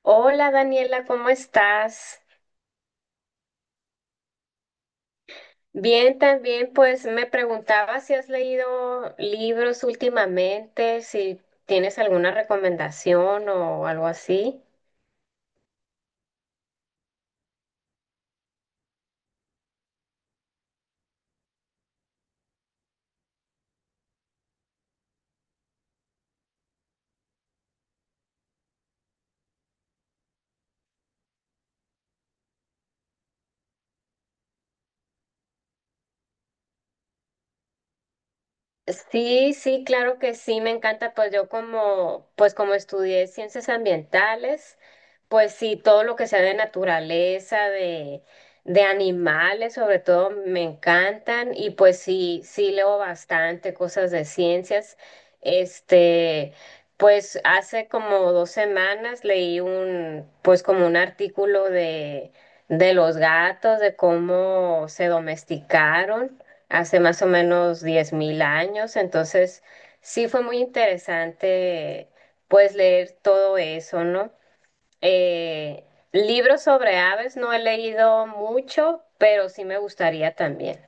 Hola Daniela, ¿cómo estás? Bien, también pues me preguntaba si has leído libros últimamente, si tienes alguna recomendación o algo así. Sí, sí, claro que sí, me encanta, pues yo como, pues como estudié ciencias ambientales, pues sí, todo lo que sea de naturaleza, de animales, sobre todo, me encantan y pues sí, sí leo bastante cosas de ciencias. Este, pues hace como dos semanas leí un, pues como un artículo de los gatos, de cómo se domesticaron hace más o menos 10.000 años. Entonces, sí fue muy interesante, pues, leer todo eso, ¿no? Eh, Libros sobre aves no he leído mucho, pero sí me gustaría también.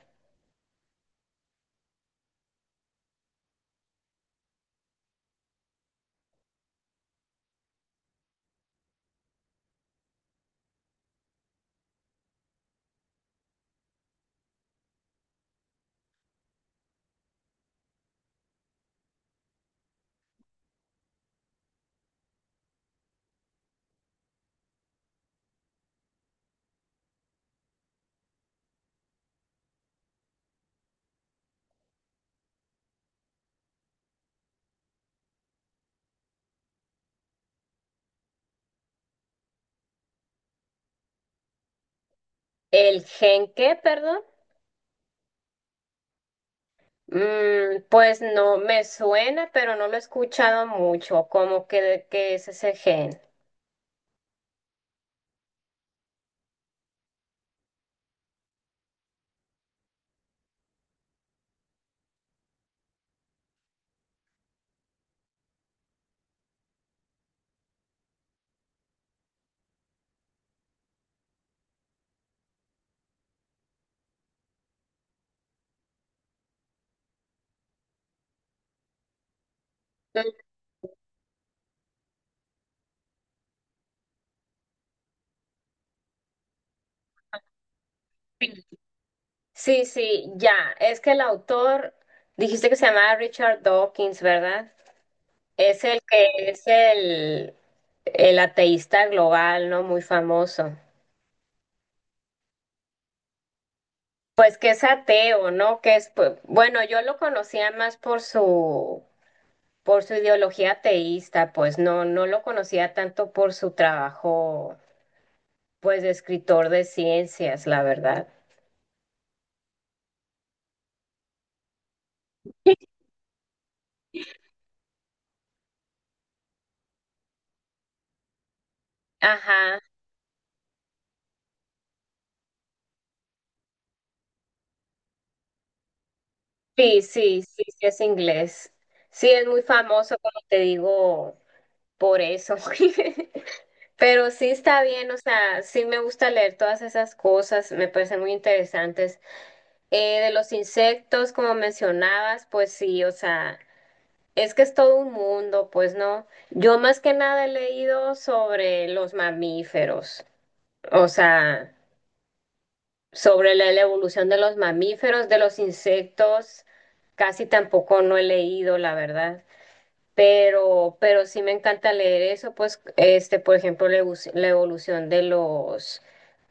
El qué, perdón. Mm, pues no me suena, pero no lo he escuchado mucho. ¿Cómo que de qué es ese gen? Mm. Sí, sí, ya. Es que el autor, dijiste que se llamaba Richard Dawkins, ¿verdad? Es el que es el ateísta global, ¿no? Muy famoso. Pues que es ateo, ¿no? Que es, pues, bueno, yo lo conocía más por su ideología ateísta, pues no, no lo conocía tanto por su trabajo, pues de escritor de ciencias, la verdad. Ajá, sí, sí, sí, sí es inglés. Sí, es muy famoso, como te digo, por eso. Pero sí está bien, o sea, sí me gusta leer todas esas cosas, me parecen muy interesantes. De los insectos, como mencionabas, pues sí, o sea, es que es todo un mundo, pues no. Yo más que nada he leído sobre los mamíferos, o sea, sobre la evolución de los mamíferos, de los insectos, casi tampoco no he leído, la verdad. Pero sí me encanta leer eso, pues, este, por ejemplo, la evolución de los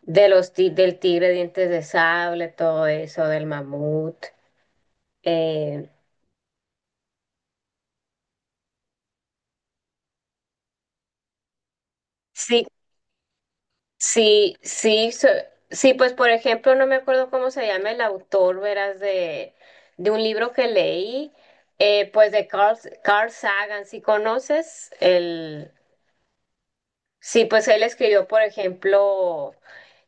Del tigre dientes de sable, todo eso, del mamut. Eh, sí, sí, sí, sí, pues por ejemplo, no me acuerdo cómo se llama el autor, verás, de un libro que leí, pues de Carl Sagan, si conoces el, sí, pues él escribió, por ejemplo,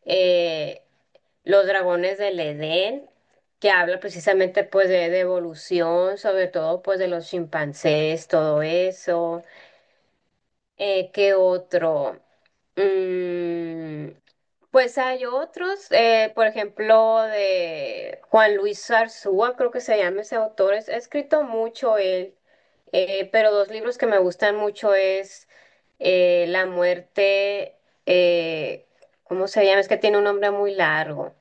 eh, Los dragones del Edén, que habla precisamente pues de evolución, sobre todo pues de los chimpancés, todo eso. ¿Qué otro? Mm, pues hay otros, por ejemplo, de Juan Luis Zarzúa, creo que se llama ese autor. Es, ha escrito mucho él, pero dos libros que me gustan mucho es La muerte, eh, ¿cómo se llama? Es que tiene un nombre muy largo.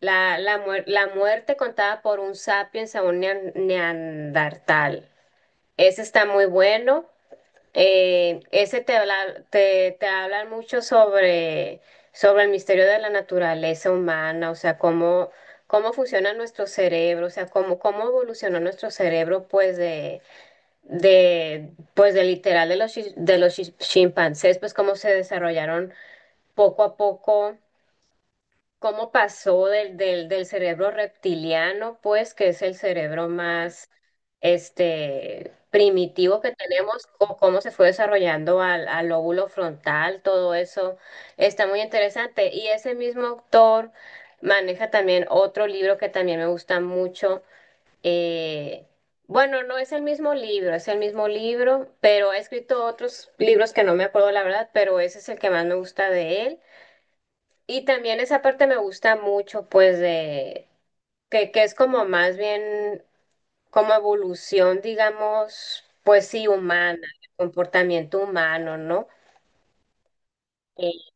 La muerte contada por un sapiens a un neandertal. Ese está muy bueno. Ese te habla, te hablan mucho sobre, sobre el misterio de la naturaleza humana, o sea, cómo, cómo funciona nuestro cerebro, o sea, cómo, cómo evolucionó nuestro cerebro, pues, de, pues, de literal de los chimpancés, pues, cómo se desarrollaron poco a poco cómo pasó del cerebro reptiliano, pues, que es el cerebro más este, primitivo que tenemos, o cómo se fue desarrollando al lóbulo frontal, todo eso está muy interesante. Y ese mismo autor maneja también otro libro que también me gusta mucho. Eh, bueno, no es el mismo libro, es el mismo libro, pero ha escrito otros libros que no me acuerdo la verdad, pero ese es el que más me gusta de él. Y también esa parte me gusta mucho, pues, de que es como más bien como evolución, digamos, pues sí, humana, comportamiento humano, ¿no? Eh,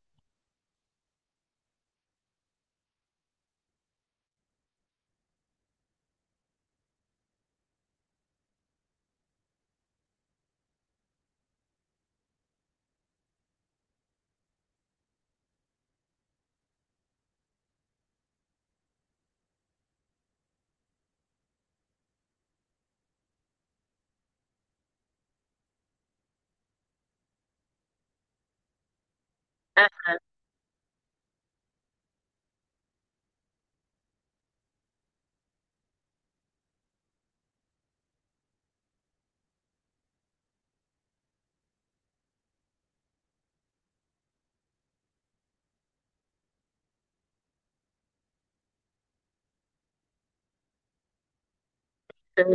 ajá.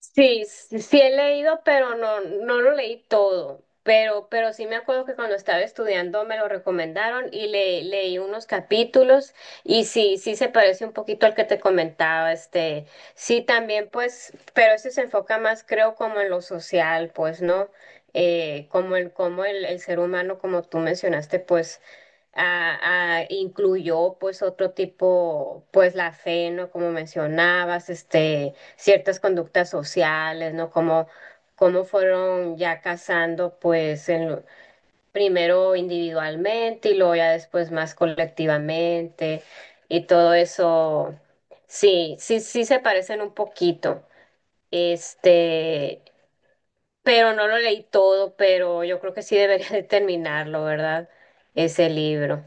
Sí, sí sí he leído, pero no, no lo leí todo. Pero sí me acuerdo que cuando estaba estudiando me lo recomendaron y leí unos capítulos y sí, sí se parece un poquito al que te comentaba, este, sí también pues, pero ese se enfoca más creo como en lo social, pues, ¿no? El ser humano, como tú mencionaste, pues incluyó pues otro tipo, pues la fe, ¿no? Como mencionabas, este, ciertas conductas sociales, ¿no? Como, cómo fueron ya casando pues primero individualmente y luego ya después más colectivamente y todo eso. Sí, sí, sí se parecen un poquito. Este, pero no lo leí todo, pero yo creo que sí debería de terminarlo, ¿verdad? Ese libro.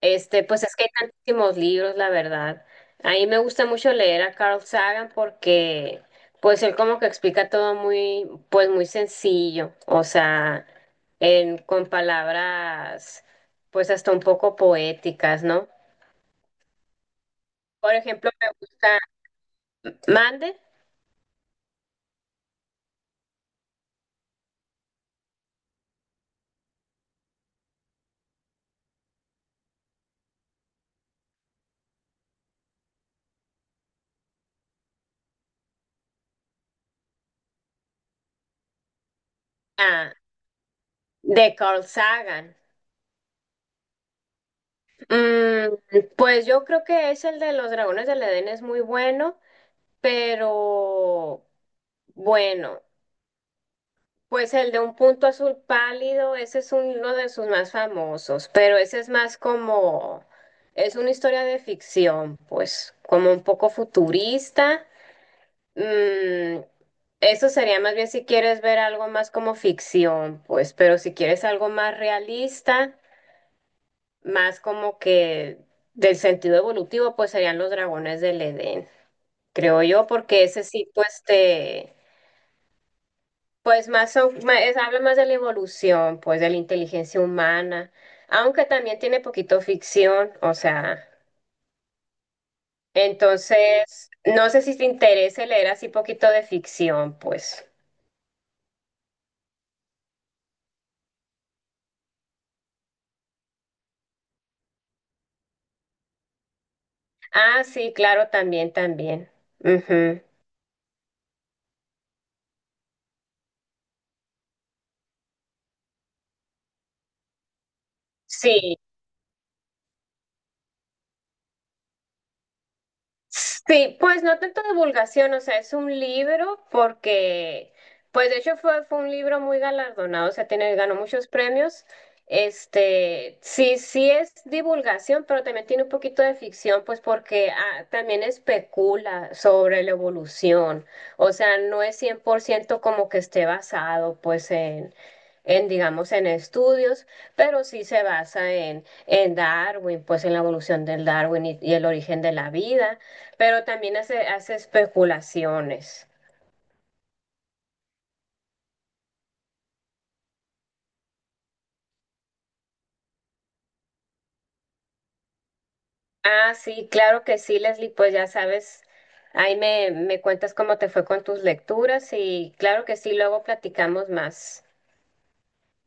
Este, pues es que hay tantísimos libros, la verdad. A mí me gusta mucho leer a Carl Sagan porque, pues él como que explica todo muy, pues muy sencillo, o sea, en, con palabras, pues hasta un poco poéticas, ¿no? Por ejemplo, me gusta Mande, ah, de Carl Sagan. Mm, pues yo creo que es el de los dragones del Edén es muy bueno, pero bueno. Pues el de un punto azul pálido, ese es uno de sus más famosos, pero ese es más como, es una historia de ficción, pues como un poco futurista. Mm, eso sería más bien si quieres ver algo más como ficción, pues, pero si quieres algo más realista, más como que del sentido evolutivo, pues serían los dragones del Edén, creo yo, porque ese sí, pues te... Pues más, habla más de la evolución, pues de la inteligencia humana, aunque también tiene poquito ficción, o sea, entonces, no sé si te interese leer así poquito de ficción, pues. Ah, sí, claro, también, también. Ujú. Sí. Sí, pues no tanto divulgación, o sea, es un libro porque, pues de hecho fue un libro muy galardonado, o sea, tiene, ganó muchos premios. Este, sí, sí es divulgación, pero también tiene un poquito de ficción, pues porque ah, también especula sobre la evolución, o sea, no es 100% como que esté basado, pues en, digamos, en estudios, pero sí se basa en Darwin, pues en la evolución del Darwin y el origen de la vida. Pero también hace, hace especulaciones. Ah, sí, claro que sí, Leslie, pues ya sabes, ahí me, me cuentas cómo te fue con tus lecturas y claro que sí, luego platicamos más.